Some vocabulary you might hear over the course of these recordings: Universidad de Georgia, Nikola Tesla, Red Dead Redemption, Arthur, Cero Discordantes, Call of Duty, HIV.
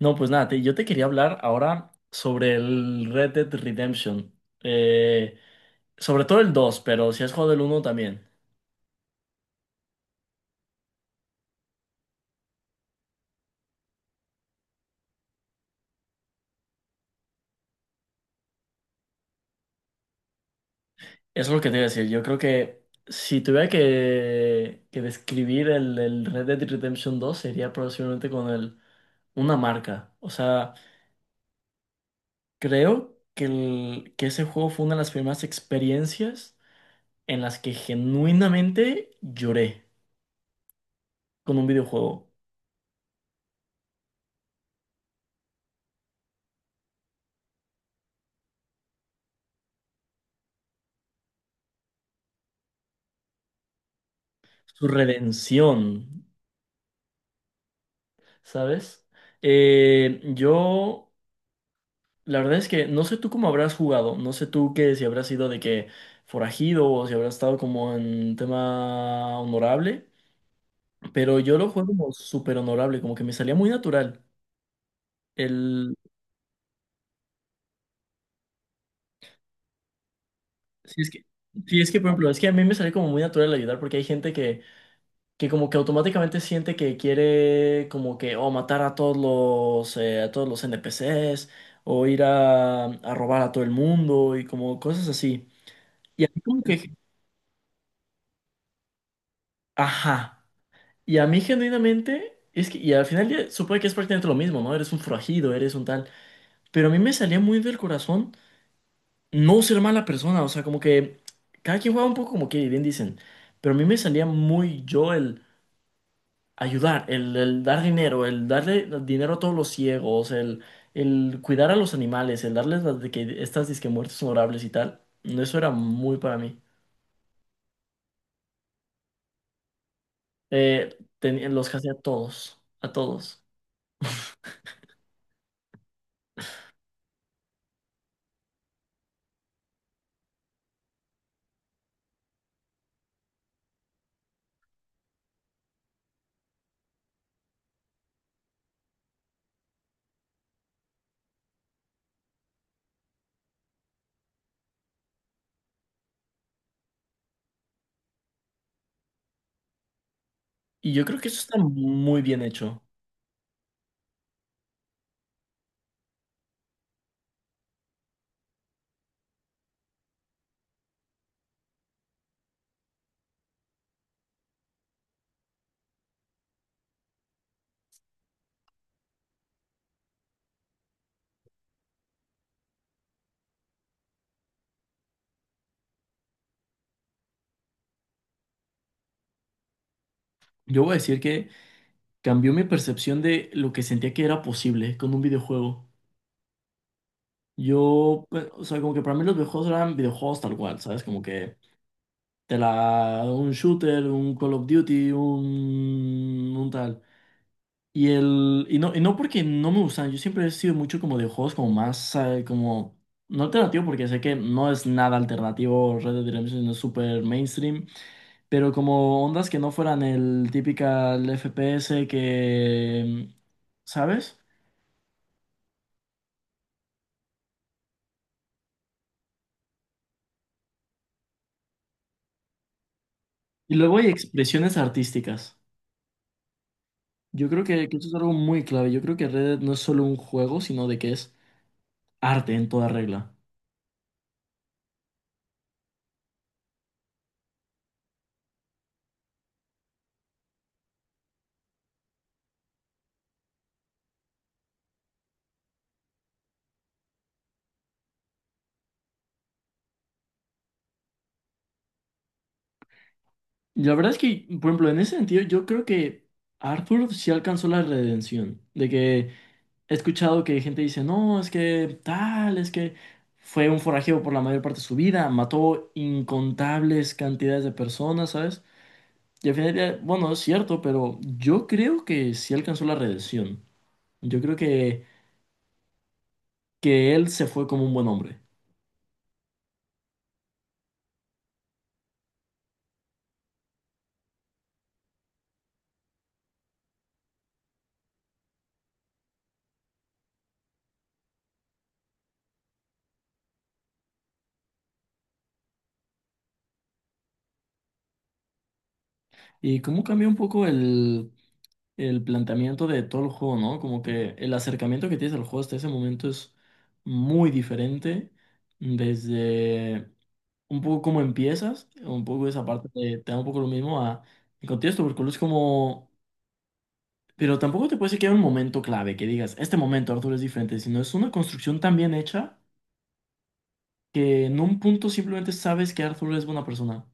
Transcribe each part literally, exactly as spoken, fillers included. No, pues nada, te- yo te quería hablar ahora sobre el Red Dead Redemption. Eh, sobre todo el dos pero si has jugado el uno también. Eso es lo que te iba a decir. Yo creo que si tuviera que, que describir el, el Red Dead Redemption dos sería posiblemente con el, una marca. O sea, creo que, el- que ese juego fue una de las primeras experiencias en las que genuinamente lloré con un videojuego. Su redención. ¿Sabes? Eh, yo, la verdad es que no sé tú cómo habrás jugado, no sé tú que si habrás sido de que forajido o si habrás estado como en tema honorable, pero yo lo juego como súper honorable, como que me salía muy natural. El, si es que, si es que, por ejemplo, es que a mí me sale como muy natural ayudar porque hay gente que, que como que automáticamente siente que quiere como que, o matar a todos los, eh, a todos los N P C s o ir a, a robar a todo el mundo y como cosas así. Y a mí como que, ajá. Y a mí genuinamente, es que, y al final ya supongo que es prácticamente lo mismo, ¿no? Eres un forajido, eres un tal. Pero a mí me salía muy del corazón no ser mala persona, o sea, como que cada quien juega un poco como que bien dicen. Pero a mí me salía muy yo el ayudar, el, el dar dinero, el darle dinero a todos los ciegos, el, el cuidar a los animales, el darles las de que estas disque muertes honorables y tal. No, eso era muy para mí. Eh, ten- los que hacía a todos, a todos. Y yo creo que eso está muy bien hecho. Yo voy a decir que cambió mi percepción de lo que sentía que era posible con un videojuego. Yo, pues, o sea, como que para mí los videojuegos eran videojuegos tal cual, ¿sabes? Como que te la, un shooter, un Call of Duty, un, un tal. Y el, y no, y no porque no me gustan, yo siempre he sido mucho como de juegos como más, eh, como, no alternativo porque sé que no es nada alternativo, Red Dead Redemption es súper mainstream. Pero como ondas que no fueran el típica el F P S que, ¿sabes? Y luego hay expresiones artísticas. Yo creo que, que eso es algo muy clave. Yo creo que Red Dead no es solo un juego, sino de que es arte en toda regla. Y la verdad es que, por ejemplo, en ese sentido, yo creo que Arthur sí alcanzó la redención. De que he escuchado que gente dice, no, es que tal, es que fue un forajeo por la mayor parte de su vida, mató incontables cantidades de personas, ¿sabes? Y al final, del día, bueno, es cierto, pero yo creo que sí alcanzó la redención. Yo creo que, que él se fue como un buen hombre. Y cómo cambia un poco el, el planteamiento de todo el juego, ¿no? Como que el acercamiento que tienes al juego hasta ese momento es muy diferente. Desde un poco cómo empiezas, un poco esa parte te, te da un poco lo mismo a el contexto, porque es como... Pero tampoco te puedes decir que hay un momento clave, que digas, este momento, Arthur, es diferente, sino es una construcción tan bien hecha que en un punto simplemente sabes que Arthur es buena persona.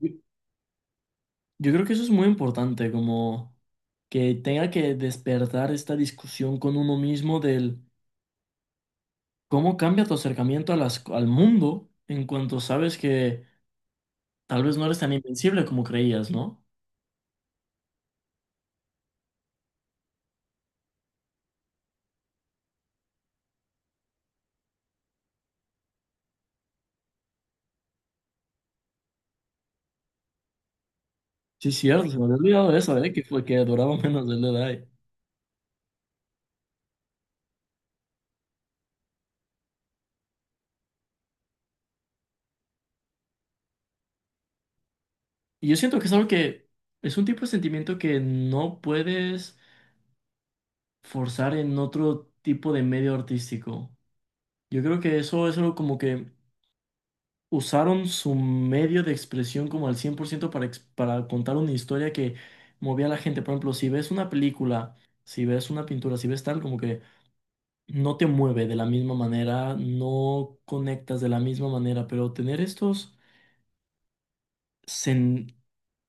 Yo yo creo que eso es muy importante, como que tenga que despertar esta discusión con uno mismo del cómo cambia tu acercamiento a las, al mundo en cuanto sabes que tal vez no eres tan invencible como creías, ¿no? Sí, cierto, se me había olvidado eso, ¿eh? Que fue que duraba menos de la edad. Y yo siento que es algo que es un tipo de sentimiento que no puedes forzar en otro tipo de medio artístico. Yo creo que eso es algo como que usaron su medio de expresión como al cien por ciento para, ex- para contar una historia que movía a la gente. Por ejemplo, si ves una película, si ves una pintura, si ves tal, como que no te mueve de la misma manera, no conectas de la misma manera, pero tener estos,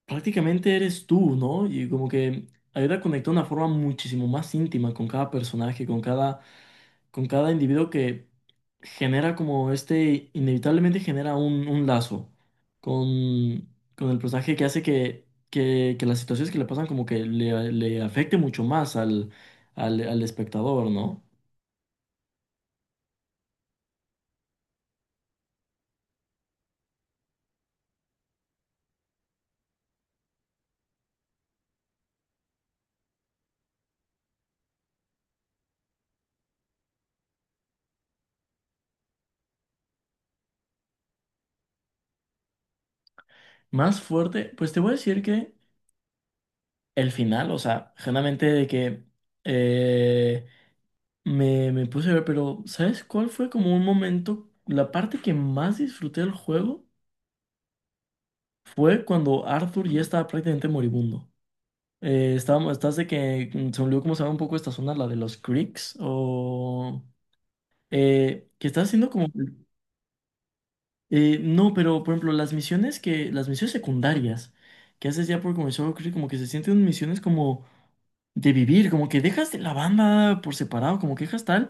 prácticamente eres tú, ¿no? Y como que ayuda a conectar de una forma muchísimo más íntima con cada personaje, con cada, con cada individuo que genera como este, inevitablemente genera un, un lazo con, con el personaje que hace que, que, que las situaciones que le pasan como que le, le afecte mucho más al, al, al espectador, ¿no? Más fuerte, pues te voy a decir que el final, o sea, generalmente de que... eh, me, me puse a ver, pero ¿sabes cuál fue como un momento? La parte que más disfruté del juego fue cuando Arthur ya estaba prácticamente moribundo. Eh, estábamos, estás de que mm, se me olvidó cómo se llama un poco esta zona, la de los creeks, o eh, que estás haciendo como eh, no, pero por ejemplo, las misiones que, las misiones secundarias que haces ya por comenzar Creek, como que se sienten misiones como de vivir, como que dejas de la banda por separado, como que dejas tal.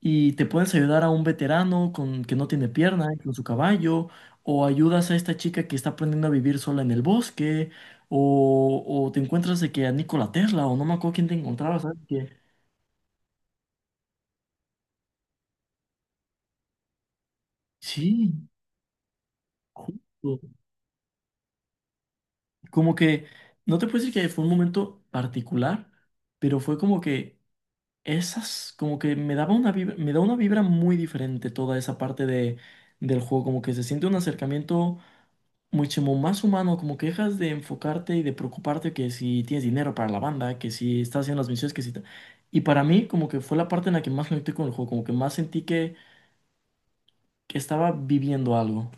Y te puedes ayudar a un veterano con que no tiene pierna, con su caballo, o ayudas a esta chica que está aprendiendo a vivir sola en el bosque, o, o te encuentras de que a Nikola Tesla, o no me acuerdo quién te encontraba, ¿sabes? Que, sí, justo. Como que, no te puedo decir que fue un momento particular, pero fue como que esas, como que me daba una vibra, me da una vibra muy diferente toda esa parte de, del juego, como que se siente un acercamiento muchísimo más humano, como que dejas de enfocarte y de preocuparte que si tienes dinero para la banda, que si estás haciendo las misiones, que si... ta- Y para mí como que fue la parte en la que más conecté con el juego, como que más sentí que, que estaba viviendo algo.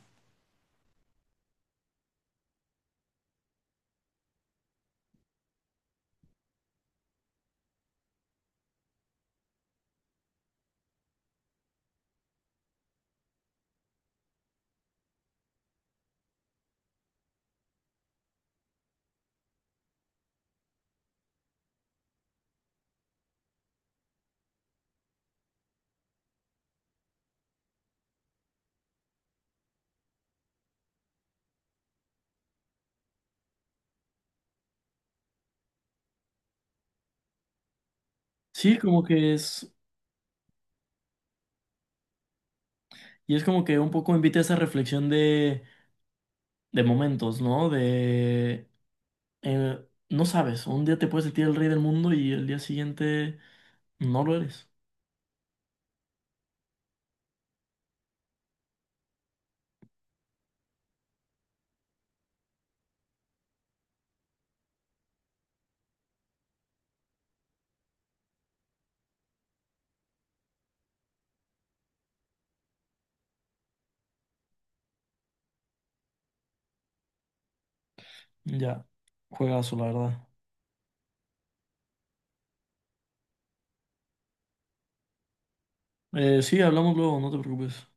Sí, como que es... Y es como que un poco invita a esa reflexión de, de momentos, ¿no? De... eh, no sabes, un día te puedes sentir el rey del mundo y el día siguiente no lo eres. Ya, juegazo, la verdad. Eh, sí, hablamos luego, no te preocupes.